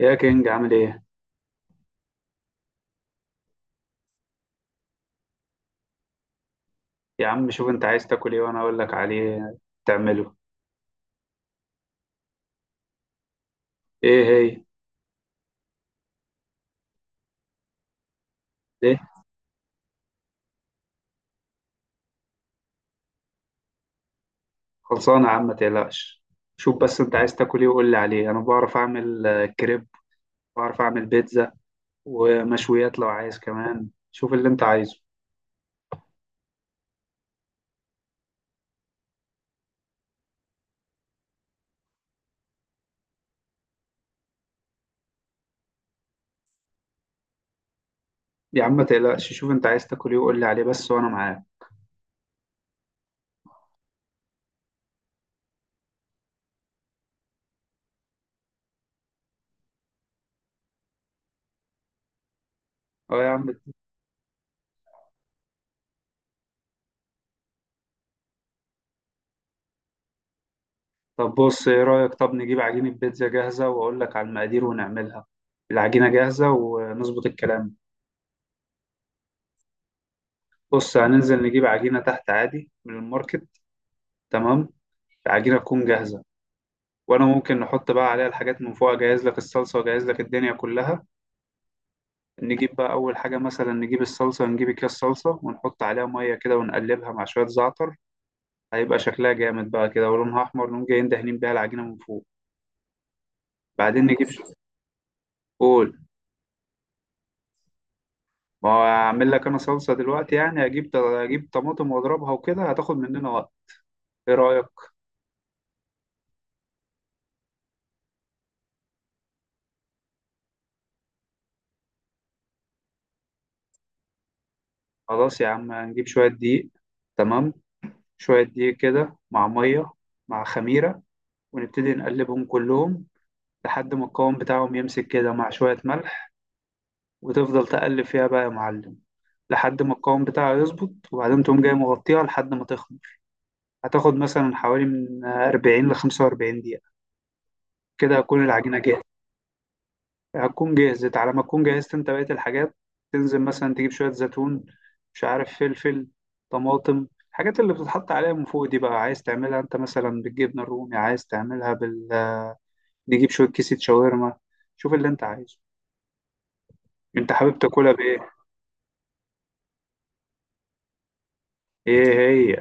يا كينج، عامل ايه؟ يا عم شوف انت عايز تاكل ايه وانا اقول لك عليه تعمله. ايه هي؟ ليه؟ خلصانه يا عم، ما تقلقش. شوف بس انت عايز تاكل ايه وقول لي عليه. انا بعرف اعمل كريب، بعرف اعمل بيتزا ومشويات لو عايز. كمان شوف اللي انت عايزه. يا عم ما تقلقش، شوف انت عايز تاكل ايه وقول لي عليه بس وانا معاك. اه يا عم. طب بص، ايه رايك؟ طب نجيب عجينه بيتزا جاهزه واقول لك على المقادير ونعملها، العجينه جاهزه، ونظبط الكلام. بص، هننزل نجيب عجينه تحت عادي من الماركت. تمام. العجينة تكون جاهزة، وأنا ممكن نحط بقى عليها الحاجات من فوق، أجهز لك الصلصة وأجهز لك الدنيا كلها. نجيب بقى أول حاجة، مثلا نجيب الصلصة، نجيب أكياس صلصة ونحط عليها مية كده ونقلبها مع شوية زعتر، هيبقى شكلها جامد بقى كده ولونها أحمر، نقوم جايين دهنين بيها العجينة من فوق. بعدين نجيب قول. ما هو أعمل لك أنا صلصة دلوقتي يعني، أجيب طماطم وأضربها وكده هتاخد مننا وقت. إيه رأيك؟ خلاص يا عم، هنجيب شوية دقيق. تمام. شوية دقيق كده مع مية، مع خميرة، ونبتدي نقلبهم كلهم لحد ما القوام بتاعهم يمسك كده، مع شوية ملح. وتفضل تقلب فيها بقى يا معلم لحد ما القوام بتاعها يظبط، وبعدين تقوم جاي مغطيها لحد ما تخمر. هتاخد مثلا حوالي من 40 ل 45 دقيقة، كده هتكون العجينة جاهزة. هتكون جهزت على ما تكون جهزت انت بقية الحاجات. تنزل مثلا تجيب شوية زيتون، مش عارف، فلفل، طماطم، الحاجات اللي بتتحط عليها من فوق دي بقى. عايز تعملها انت مثلا بالجبنة الرومي، عايز تعملها نجيب شوية كيسة شاورما. شوف اللي انت عايزه، انت حابب تاكلها بايه؟ ايه هي؟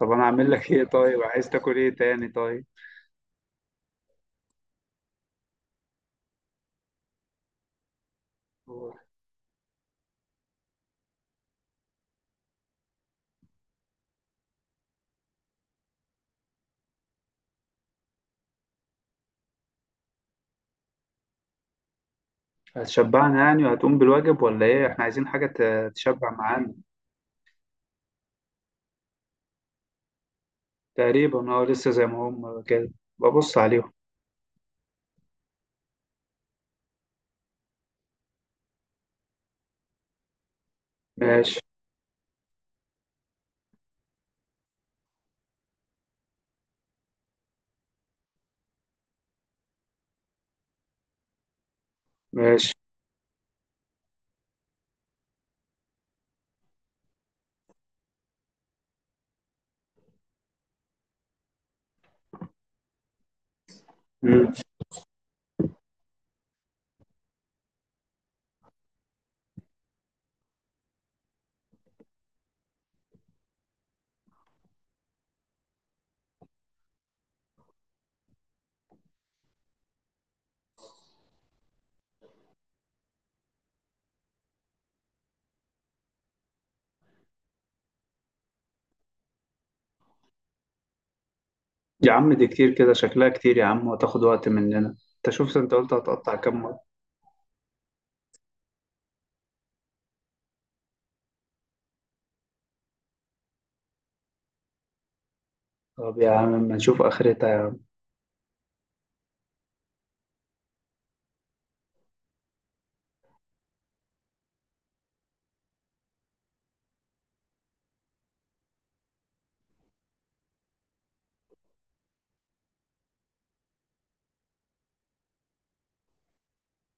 طب انا اعمل لك ايه طيب؟ عايز تاكل ايه تاني طيب؟ هتشبعنا يعني وهتقوم بالواجب ولا ايه؟ احنا عايزين حاجة تشبع معانا. تقريبا اه، لسه زي ما هم كده، ببص عليهم. ماشي. ماشي. مم. يا عم دي كتير، كده شكلها كتير يا عم، وتاخد وقت مننا. انت شوف، انت قلت هتقطع كام مرة؟ طب يا عم، ما نشوف اخرتها يعني.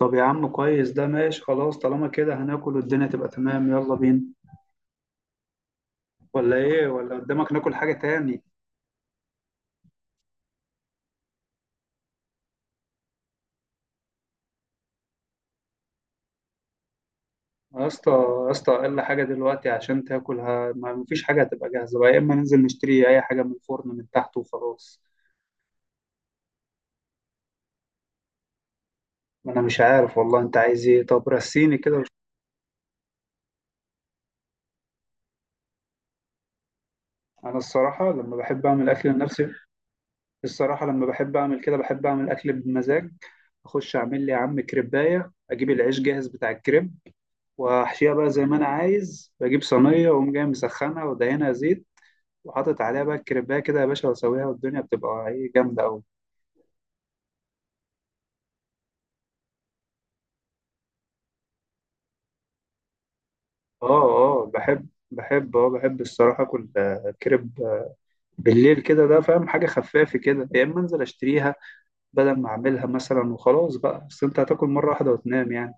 طب يا عم كويس، ده ماشي خلاص، طالما كده هناكل والدنيا تبقى تمام، يلا بينا. ولا ايه؟ ولا قدامك ناكل حاجة تاني؟ يا اسطى، يا اسطى، اقل حاجه دلوقتي عشان تاكلها ما مفيش حاجه هتبقى جاهزه بقى، يا اما ننزل نشتري اي حاجه من الفرن من تحت وخلاص. ما انا مش عارف والله انت عايز ايه، طب رسيني كده انا الصراحه لما بحب اعمل اكل لنفسي، الصراحه لما بحب اعمل كده بحب اعمل اكل بمزاج. اخش اعمل لي يا عم كريبايه، اجيب العيش جاهز بتاع الكريب واحشيها بقى زي ما انا عايز، بجيب صينيه واقوم جاي مسخنها ودهنها زيت، وحاطط عليها بقى الكريبايه كده يا باشا واسويها والدنيا بتبقى ايه، جامده قوي. اه بحب الصراحة اكل كريب بالليل كده، ده فاهم، حاجة خفافة كده. يا اما انزل اشتريها بدل ما اعملها مثلا وخلاص بقى. بس انت هتاكل مرة واحدة وتنام يعني.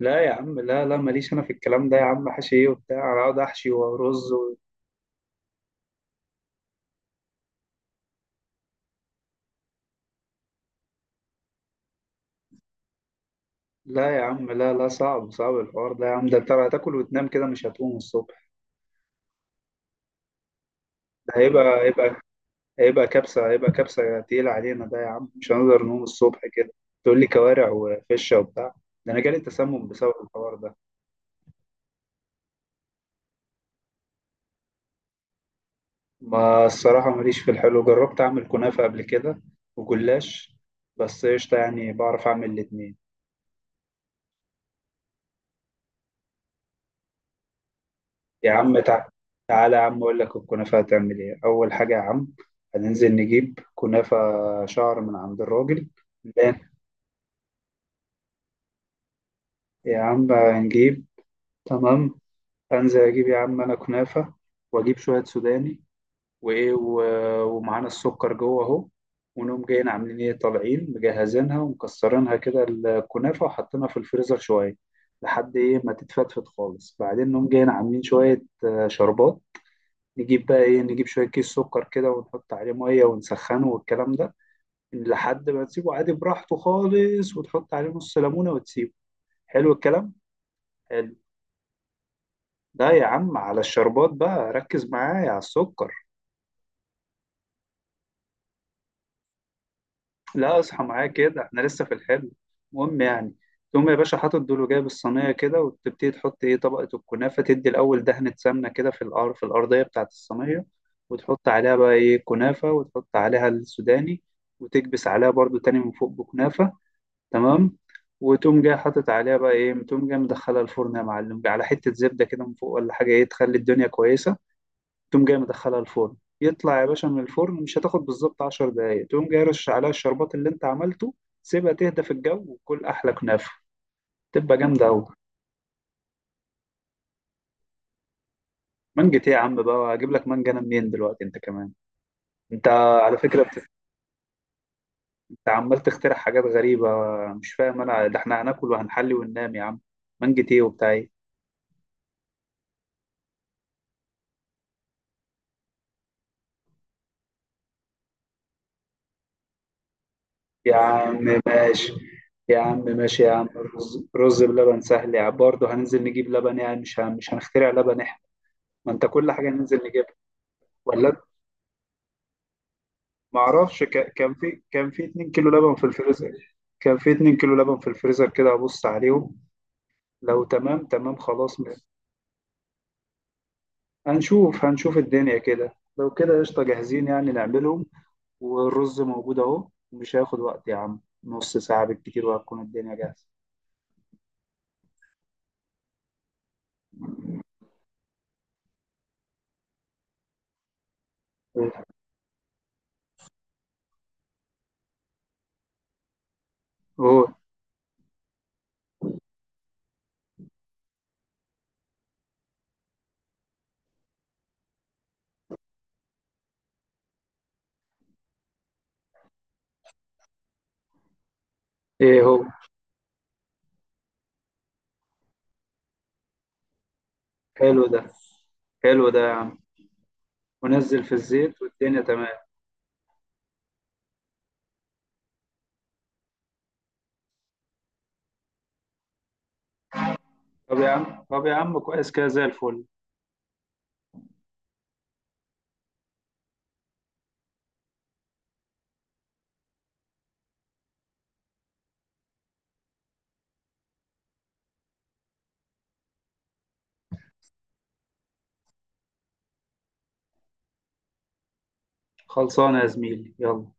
لا يا عم، لا لا ماليش انا في الكلام ده يا عم، حشي ايه وبتاع؟ انا اقعد احشي ورز لا يا عم، لا لا، صعب صعب الحوار ده يا عم، ده انت هتاكل وتنام كده مش هتقوم الصبح. ده هيبقى كبسة تقيلة علينا ده يا عم، مش هنقدر نقوم الصبح كده. تقول لي كوارع وفشة وبتاع، ده انا جالي تسمم بسبب الحوار ده. ما الصراحة ماليش في الحلو. جربت أعمل كنافة قبل كده وجلاش، بس قشطة يعني، بعرف أعمل الاتنين. يا عم تعالى يا عم أقول لك الكنافة هتعمل إيه. أول حاجة يا عم، هننزل نجيب كنافة شعر من عند الراجل. لا يا عم، هنجيب. تمام. أنزل أجيب يا عم أنا كنافة، وأجيب شوية سوداني، وايه ومعانا السكر جوه اهو. ونقوم جايين عاملين ايه، طالعين مجهزينها ومكسرينها كده الكنافه وحاطينها في الفريزر شويه لحد ايه ما تتفتفت خالص. بعدين نقوم جايين عاملين شويه شربات. نجيب بقى ايه، نجيب شويه كيس سكر كده ونحط عليه ميه ونسخنه والكلام ده، لحد ما تسيبه عادي براحته خالص، وتحط عليه نص ليمونه وتسيبه. حلو الكلام، حلو. ده يا عم على الشربات بقى، ركز معايا على السكر. لا، اصحى معايا كده، احنا لسه في الحلم. المهم يعني، تقوم يا باشا حاطط دول وجايب الصينيه كده، وتبتدي تحط ايه طبقه الكنافه. تدي الاول دهنه سمنه كده في الأرض، في الارضيه بتاعه الصينيه، وتحط عليها بقى ايه كنافه، وتحط عليها السوداني، وتكبس عليها برضو تاني من فوق بكنافه. تمام. وتقوم جاي حاطط عليها بقى ايه، تقوم جاي مدخلها الفرن يا معلم على حته زبده كده من فوق ولا حاجه ايه تخلي الدنيا كويسه. تقوم جاي مدخلها الفرن، يطلع يا باشا من الفرن مش هتاخد بالظبط 10 دقايق. تقوم جاي رش عليها الشربات اللي انت عملته، سيبها تهدى في الجو، وكل احلى كنافه، تبقى جامده قوي. مانجة ايه يا عم؟ بقى اجيب لك مانجا انا منين دلوقتي؟ انت كمان، انت على فكره انت عمال تخترع حاجات غريبه، مش فاهم انا. ده احنا هناكل وهنحلي وننام يا عم، مانجة ايه وبتاع ايه؟ يا عم ماشي، يا عم ماشي، يا عم رز بلبن سهل يا عم برضه، هننزل نجيب لبن يعني، مش مش هنخترع لبن احنا. ما انت كل حاجه ننزل نجيبها. ولا، ما اعرفش، كان في 2 كيلو لبن في الفريزر، كان في 2 كيلو لبن في الفريزر كده، ابص عليهم. لو تمام. تمام خلاص. هنشوف الدنيا كده، لو كده قشطة جاهزين يعني نعملهم. والرز موجود اهو، مش هياخد وقت يا عم، نص ساعة بالكتير وهتكون الدنيا جاهزة. هو ايه هو؟ حلو ده، حلو ده يا عم، ونزل في الزيت والدنيا تمام. طب يا عم، طب يا عم كويس كده، زي الفل. خلصانة يا زميلي، يلا.